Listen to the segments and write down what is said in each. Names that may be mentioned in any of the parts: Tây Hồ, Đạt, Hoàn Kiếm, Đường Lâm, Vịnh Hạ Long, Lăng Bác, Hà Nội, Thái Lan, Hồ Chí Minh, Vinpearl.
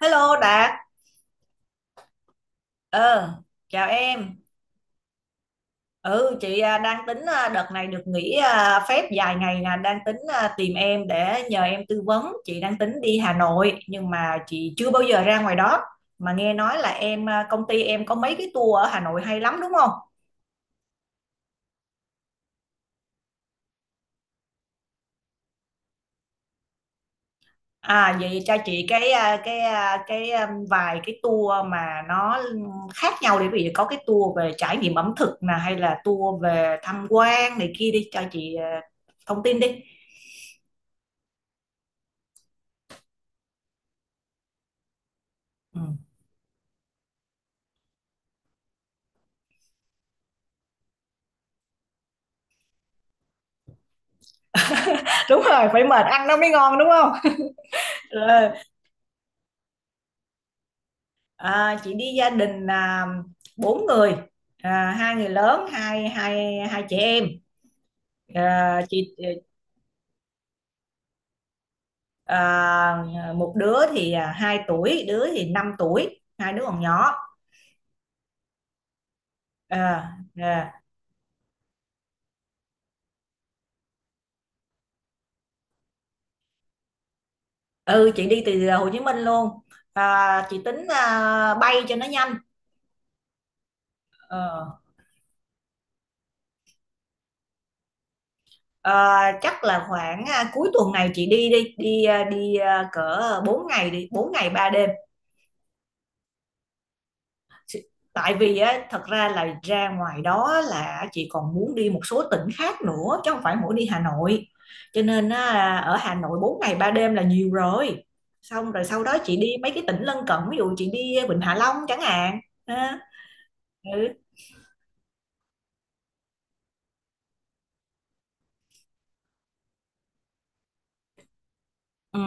Hello Đạt, ờ, chào em. Ừ, chị à, đang tính à, đợt này được nghỉ à, phép dài ngày nè, đang tính à, tìm em để nhờ em tư vấn. Chị đang tính đi Hà Nội nhưng mà chị chưa bao giờ ra ngoài đó. Mà nghe nói là em à, công ty em có mấy cái tour ở Hà Nội hay lắm đúng không? À vậy cho chị vài cái tour mà nó khác nhau để ví dụ có cái tour về trải nghiệm ẩm thực nè hay là tour về tham quan này kia đi cho chị à, thông tin đi. Ừ. Đúng rồi, phải mệt ăn nó mới ngon đúng không? Rồi, à, chị đi gia đình, à, bốn người, à, hai người lớn, hai hai hai chị em. Ờ, chị, ờ, một đứa thì, à, hai tuổi, đứa thì 5 tuổi, hai đứa còn nhỏ. Ờ, ờ. Ừ, chị đi từ Hồ Chí Minh luôn. À, chị tính, à, bay cho nó nhanh. Ờ, ờ, chắc là khoảng, cuối tuần này chị đi đi, đi, a, đi, a, cỡ 4 ngày đi, bốn ngày 3 đêm. Tại vì á thật ra là ra ngoài đó là chị còn muốn đi một số tỉnh khác nữa chứ không phải mỗi đi Hà Nội, cho nên á, ở Hà Nội bốn ngày 3 đêm là nhiều rồi. Xong rồi sau đó chị đi mấy cái tỉnh lân cận ví dụ chị đi Vịnh Hạ Long chẳng hạn ha. Ừ. Ừ.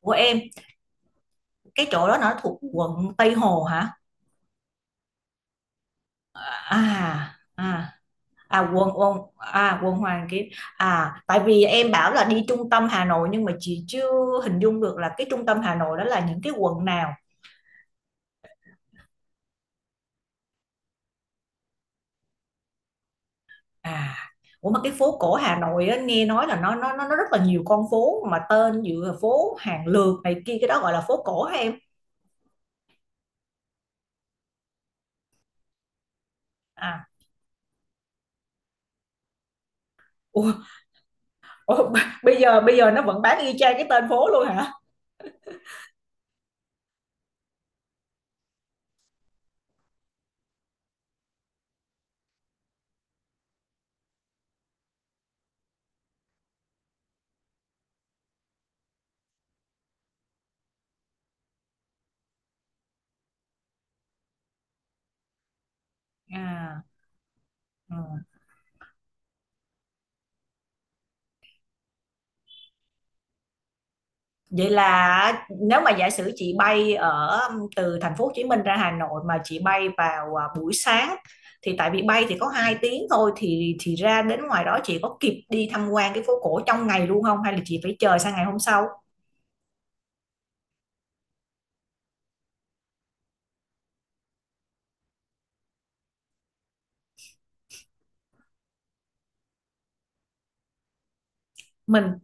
Của em cái chỗ đó nó thuộc quận Tây Hồ hả? à à quận quận à quận Hoàn Kiếm, à tại vì em bảo là đi trung tâm Hà Nội nhưng mà chị chưa hình dung được là cái trung tâm Hà Nội đó là những cái quận nào. À, ủa mà cái phố cổ Hà Nội á, nghe nói là nó rất là nhiều con phố mà tên giữa phố hàng lược này kia cái đó gọi là phố cổ hả em? À, ủa, ủa, bây giờ nó vẫn bán y chang cái tên phố luôn hả? À, ừ. Vậy là nếu mà giả sử chị bay ở từ thành phố Hồ Chí Minh ra Hà Nội mà chị bay vào à, buổi sáng, thì tại vì bay thì có 2 tiếng thôi thì ra đến ngoài đó chị có kịp đi tham quan cái phố cổ trong ngày luôn không hay là chị phải chờ sang ngày hôm sau? Mình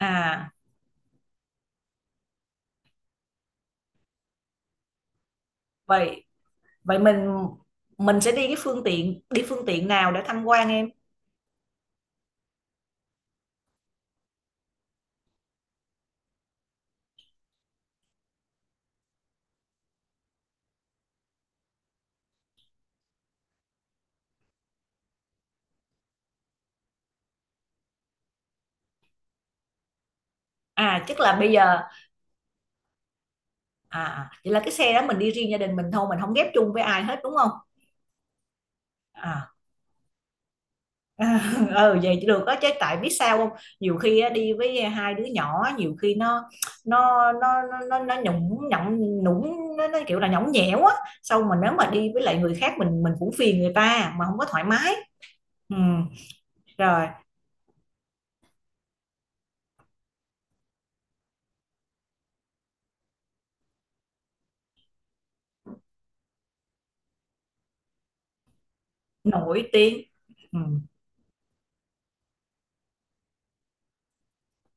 à vậy Vậy mình sẽ đi cái phương tiện đi phương tiện nào để tham quan em? À chắc là bây giờ. Vậy là cái xe đó mình đi riêng gia đình mình thôi, mình không ghép chung với ai hết đúng không? À ừ vậy thì được đó chứ tại biết sao không? Nhiều khi á, đi với hai đứa nhỏ nhiều khi nó nhũng nhũng nhũng nó kiểu là nhõng nhẽo á, xong mà nếu mà đi với lại người khác mình cũng phiền người ta mà không có thoải mái. Ừ rồi, nổi tiếng. Ừ.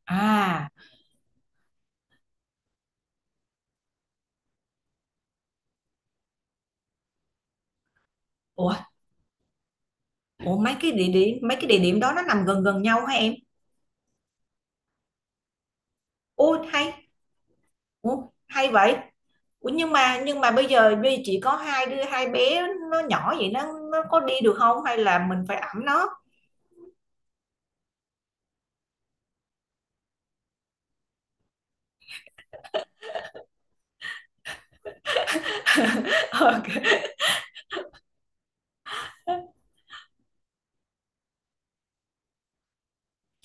À. ủa Ủa mấy cái địa điểm đó nó nằm gần gần nhau hả em? Ôi hay, ủa, hay vậy. Ủa nhưng mà bây giờ chỉ có hai đứa hai bé nó nhỏ vậy nó có đi được không hay là mình phải ẵm nó? Ok.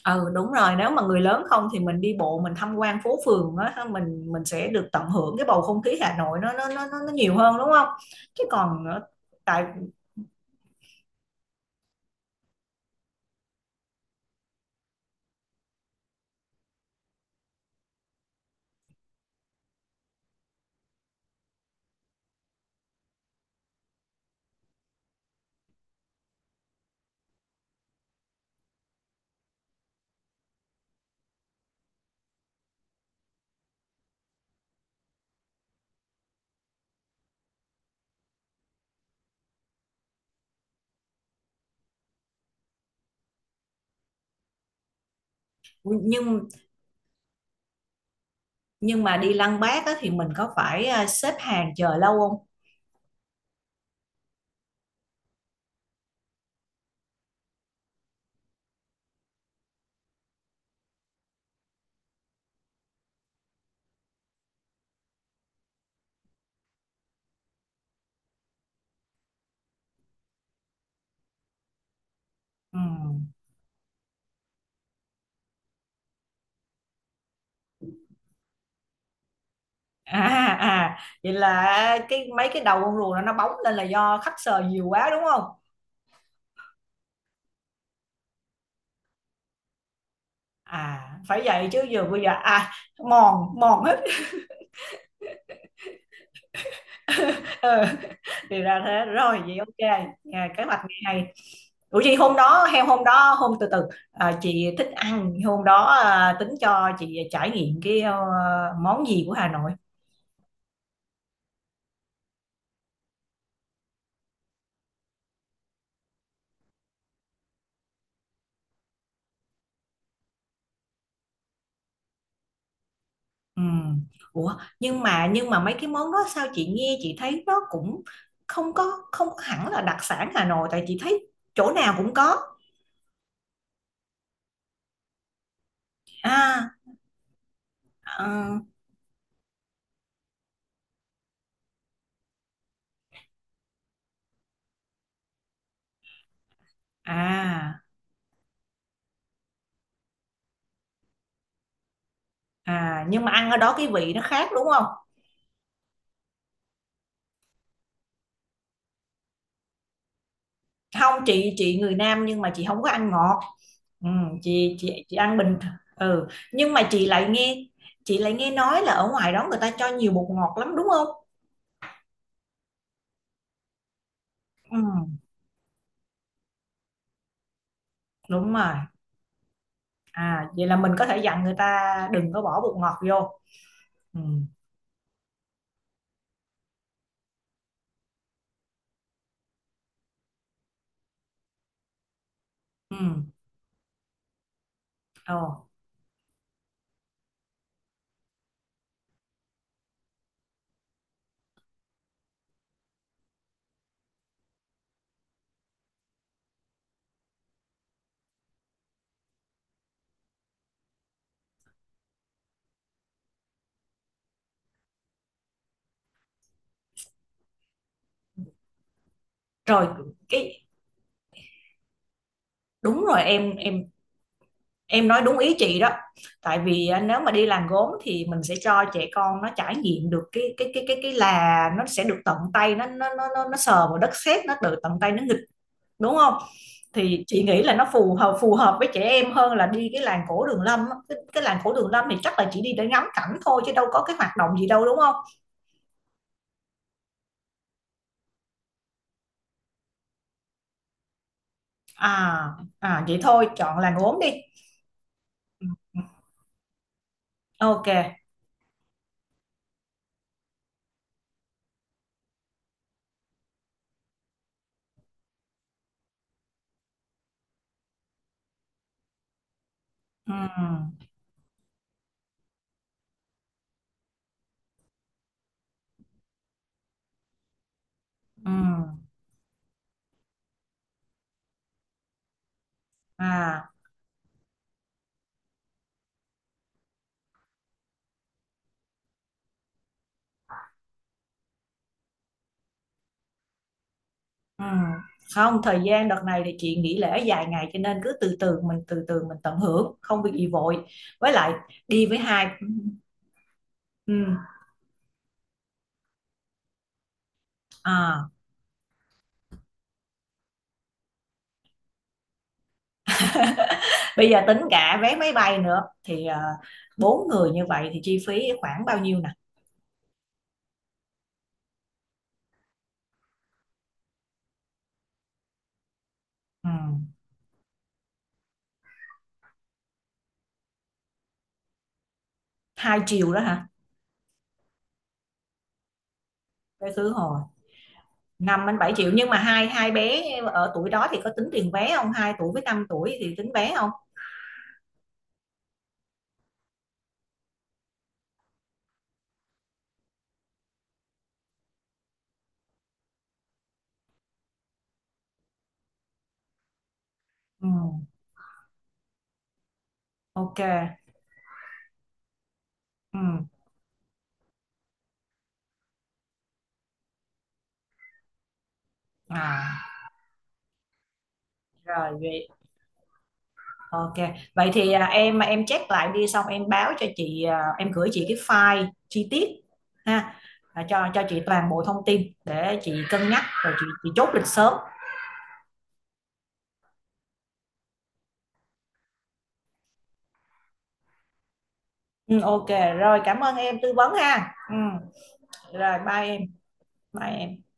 Ừ đúng rồi, nếu mà người lớn không thì mình đi bộ mình tham quan phố phường á ha, mình sẽ được tận hưởng cái bầu không khí Hà Nội nó nhiều hơn đúng không? Chứ còn tại nhưng nhưng mà đi Lăng Bác á thì mình có phải xếp hàng chờ lâu không? Ừ. à vậy là mấy cái đầu con rùa nó bóng lên là do khách sờ nhiều quá đúng không? À phải vậy chứ bây giờ à, mòn mòn hết. Ừ, thì ra thế rồi vậy ok. À, kế hoạch ngày này. Ủa chị hôm đó hôm đó hôm từ từ, à, chị thích ăn hôm đó à, tính cho chị trải nghiệm cái món gì của Hà Nội? Ừ. Ủa nhưng mà mấy cái món đó sao chị nghe chị thấy nó cũng không có không có hẳn là đặc sản Hà Nội tại chị thấy chỗ nào cũng có. à ờ, à nhưng mà ăn ở đó cái vị nó khác đúng không? Không chị người Nam nhưng mà chị không có ăn ngọt. Ừ, chị ăn bình ừ nhưng mà chị lại nghe, chị lại nghe nói là ở ngoài đó người ta cho nhiều bột ngọt lắm đúng không? Ừ, đúng rồi. À vậy là mình có thể dặn người ta đừng có bỏ bột ngọt vô. Ừ. Ừ. Ờ. Rồi cái đúng rồi em nói đúng ý chị đó. Tại vì à, nếu mà đi làm gốm thì mình sẽ cho trẻ con nó trải nghiệm được cái là nó sẽ được tận tay nó sờ vào đất sét nó được tận tay nó nghịch đúng không? Thì chị nghĩ là nó phù hợp với trẻ em hơn là đi cái làng cổ Đường Lâm á. Cái làng cổ Đường Lâm thì chắc là chỉ đi để ngắm cảnh thôi chứ đâu có cái hoạt động gì đâu đúng không? À à vậy thôi chọn làng gốm đi. Ok. Ừ. Ừ. À. Ừ. Không, thời gian đợt này thì chị nghỉ lễ dài ngày cho nên cứ từ từ mình tận hưởng, không việc gì vội. Với lại đi với hai ừ, à. Bây giờ tính cả vé máy bay nữa thì à, bốn người như vậy thì chi phí khoảng bao nhiêu nè? Ừ. Hai triệu đó hả? Vé khứ hồi năm đến 7 triệu nhưng mà hai hai bé ở tuổi đó thì có tính tiền vé không? Hai tuổi với năm tuổi thì tính vé không? Ừ. Ok. Ừ. À, rồi vậy ok, vậy thì à, em check lại đi xong em báo cho chị à, em gửi chị cái file chi tiết ha, à, cho chị toàn bộ thông tin để chị cân nhắc rồi chị chốt lịch sớm. Ừ, ok, rồi cảm ơn em tư vấn ha. Ừ, rồi bye em, bye em.